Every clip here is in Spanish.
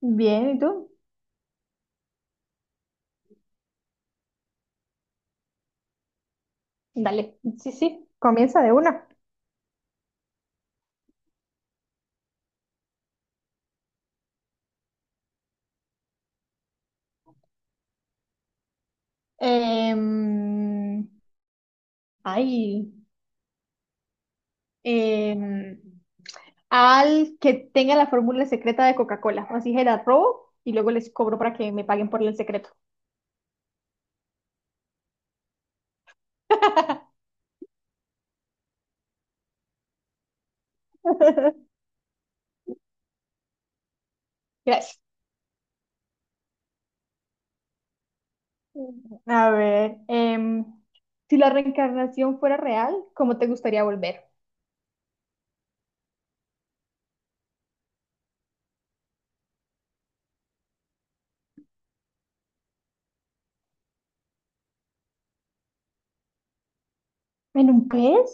Bien, ¿y tú? Dale, sí, sí. Comienza de una. Em, ay, em, al que tenga la fórmula secreta de Coca-Cola. Así que la robo y luego les cobro para que me paguen por el secreto. Gracias. A ver, si la reencarnación fuera real, ¿cómo te gustaría volver? ¿En un pez?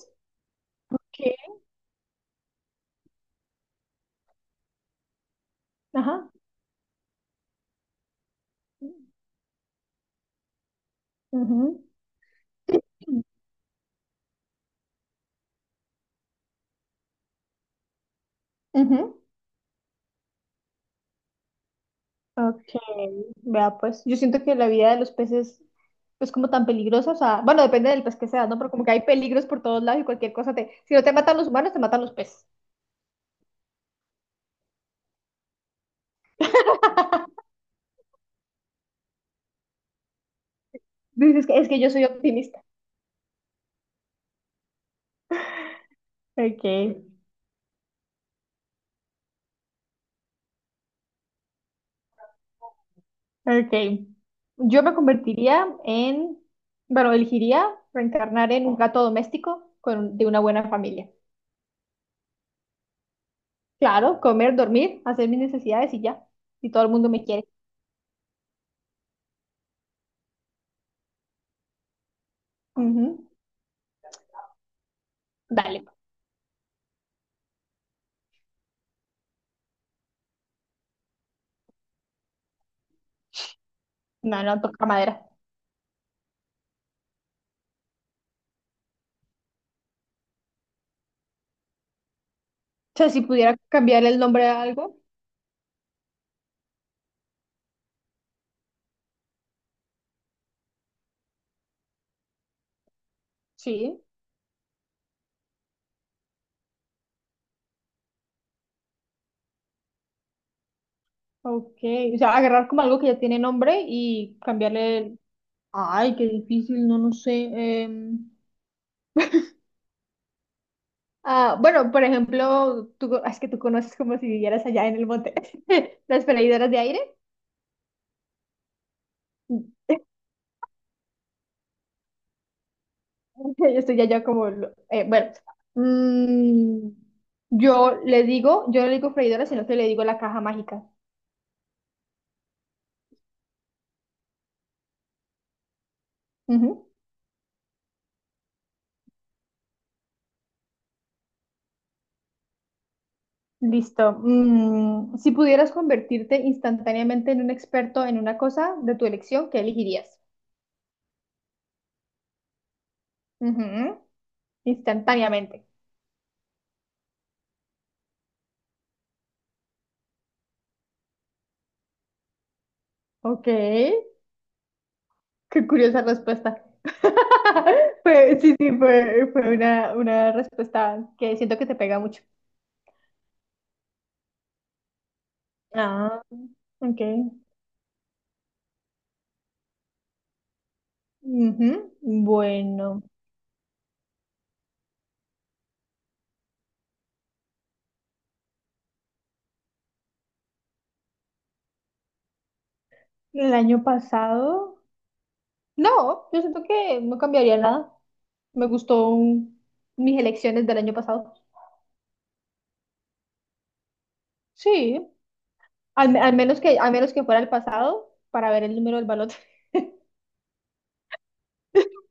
¿Qué? Ajá. Ujú. Ujú. Ok, vea pues, yo siento que la vida de los peces es como tan peligrosa, o sea, bueno, depende del pez que sea, ¿no? Pero como que hay peligros por todos lados y cualquier cosa te, si no te matan los humanos, te matan los peces. Dices que es que yo soy optimista. Ok, ok. Yo me convertiría en, bueno, elegiría reencarnar en un gato doméstico con, de una buena familia. Claro, comer, dormir, hacer mis necesidades y ya. Y todo el mundo me quiere. Ujú. Dale, no, no toca madera. O sea, si pudiera cambiar el nombre a algo. Sí, ok. O sea, agarrar como algo que ya tiene nombre y cambiarle el... Ay, qué difícil, no, no sé. em, ah, bueno, por ejemplo, tú, es que tú conoces como si vivieras allá en el monte, las freidoras de aire. Yo estoy allá como... bueno, mm, yo le digo, yo no le digo freidora, sino que le digo la caja mágica. Ujú. Listo. Si pudieras convertirte instantáneamente en un experto en una cosa de tu elección, ¿qué elegirías? Ujú. Instantáneamente. Ok, qué curiosa respuesta. Sí, sí, fue una respuesta que siento que te pega mucho. Ah, ok. Ujú. Bueno, el año pasado, no, yo siento que no cambiaría nada. Me gustó un- Mis elecciones del año pasado. Sí, al, al menos que fuera el pasado para ver el número del balón,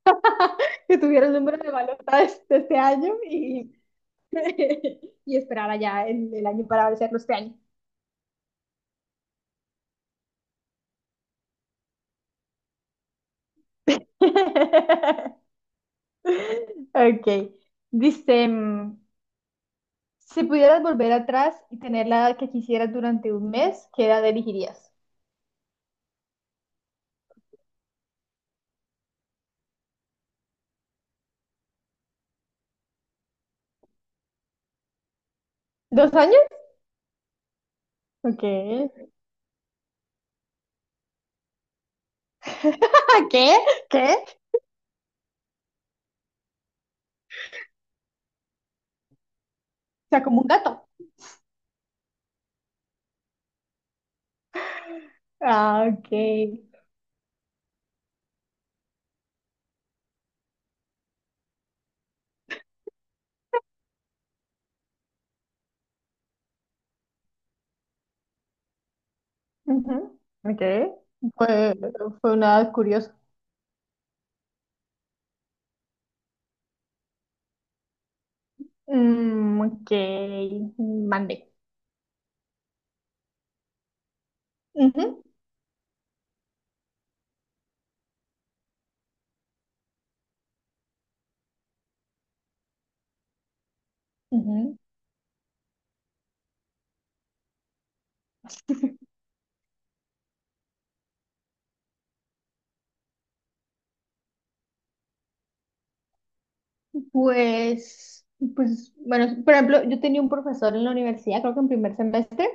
que tuviera el número de balota de este año y y esperar allá el año para hacerlo este año. Ok. Dice, si pudieras volver atrás y tener la edad que quisieras durante un mes, ¿qué edad elegirías? ¿Dos años? Ok. ¿Qué? ¿Qué? O sea, como un gato. Ah, ok. Ujú. Ok. Fue, fue una edad curiosa. Ok. Mandé. Ujú, ujú. Pues, pues, bueno, por ejemplo, yo tenía un profesor en la universidad, creo que en primer semestre,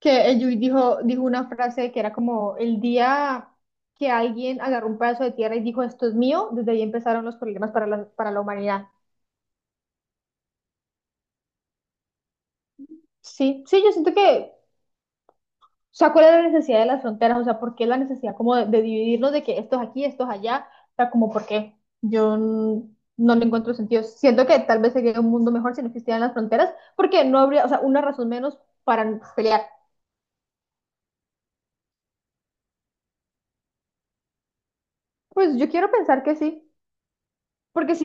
que él dijo, dijo una frase que era como el día que alguien agarró un pedazo de tierra y dijo, esto es mío, desde ahí empezaron los problemas para la humanidad. Sí, sí, yo siento que o sea, ¿cuál es la necesidad de las fronteras? O sea, ¿por qué la necesidad como de dividirnos de que estos aquí, estos allá? O sea, ¿como por qué? No le encuentro sentido. Siento que tal vez sería un mundo mejor si no existieran las fronteras, porque no habría, o sea, una razón menos para pelear. Pues yo quiero pensar que sí, porque si,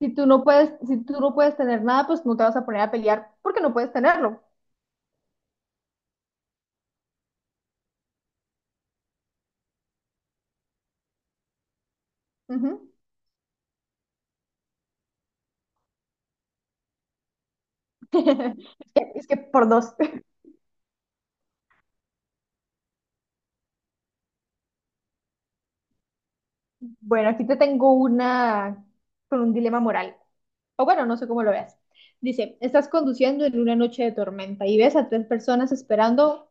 si tú no puedes, si tú no puedes tener nada, pues no te vas a poner a pelear porque no puedes tenerlo. Ujú. Es que por dos. Bueno, aquí te tengo una con un dilema moral. O bueno, no sé cómo lo veas. Dice, estás conduciendo en una noche de tormenta y ves a tres personas esperando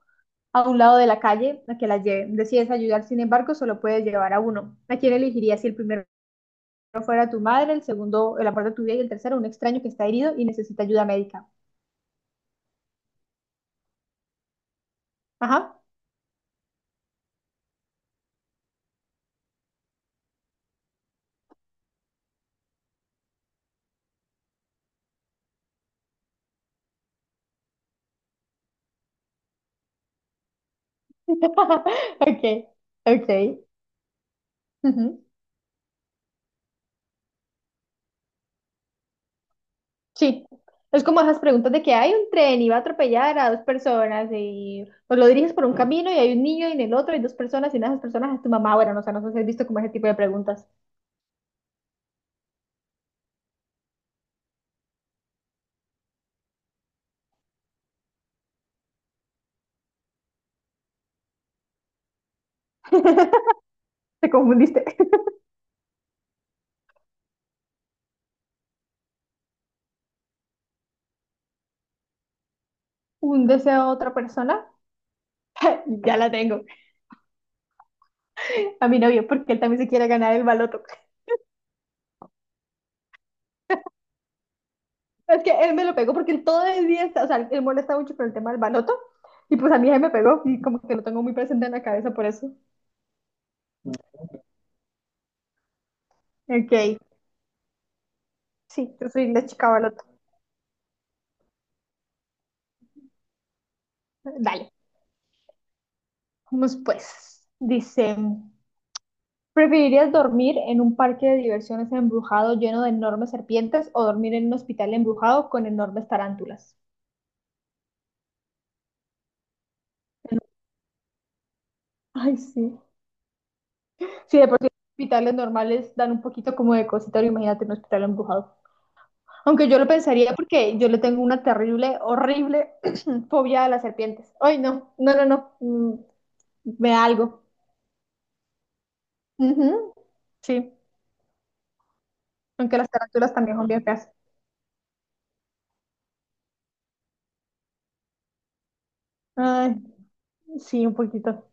a un lado de la calle a que las lleven. Decides ayudar, sin embargo, solo puedes llevar a uno. ¿A quién elegirías si el primero fuera tu madre, el segundo el amor de tu vida y el tercero un extraño que está herido y necesita ayuda médica? Ajá. Ok, ok. Ujú. Sí, es como esas preguntas de que hay un tren y va a atropellar a dos personas y pues lo diriges por un camino y hay un niño y en el otro hay dos personas y una de esas personas es tu mamá. Bueno, no sé, no sé si has visto como ese tipo de preguntas. Te confundiste. Un deseo de otra persona, ya la tengo. A mi novio, porque él también se quiere ganar el baloto. Es que él me lo pegó porque él todo el día está, o sea, él molesta mucho con el tema del baloto y pues a mí él me pegó y como que lo tengo muy presente en la cabeza por eso. Ok, sí, yo soy la chica baloto. Dale, vamos pues. Dice. ¿Preferirías dormir en un parque de diversiones embrujado lleno de enormes serpientes o dormir en un hospital embrujado con enormes tarántulas? Ay, sí. Sí, de por sí los hospitales normales dan un poquito como de cosita, ahora imagínate un hospital embrujado. Aunque yo lo pensaría porque yo le tengo una terrible, horrible fobia a las serpientes. Ay, no, no, no, no. Me da algo. Ujú, sí, aunque las tarántulas también son bien feas. Ay, sí, un poquito.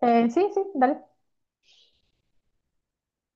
Sí, sí, dale.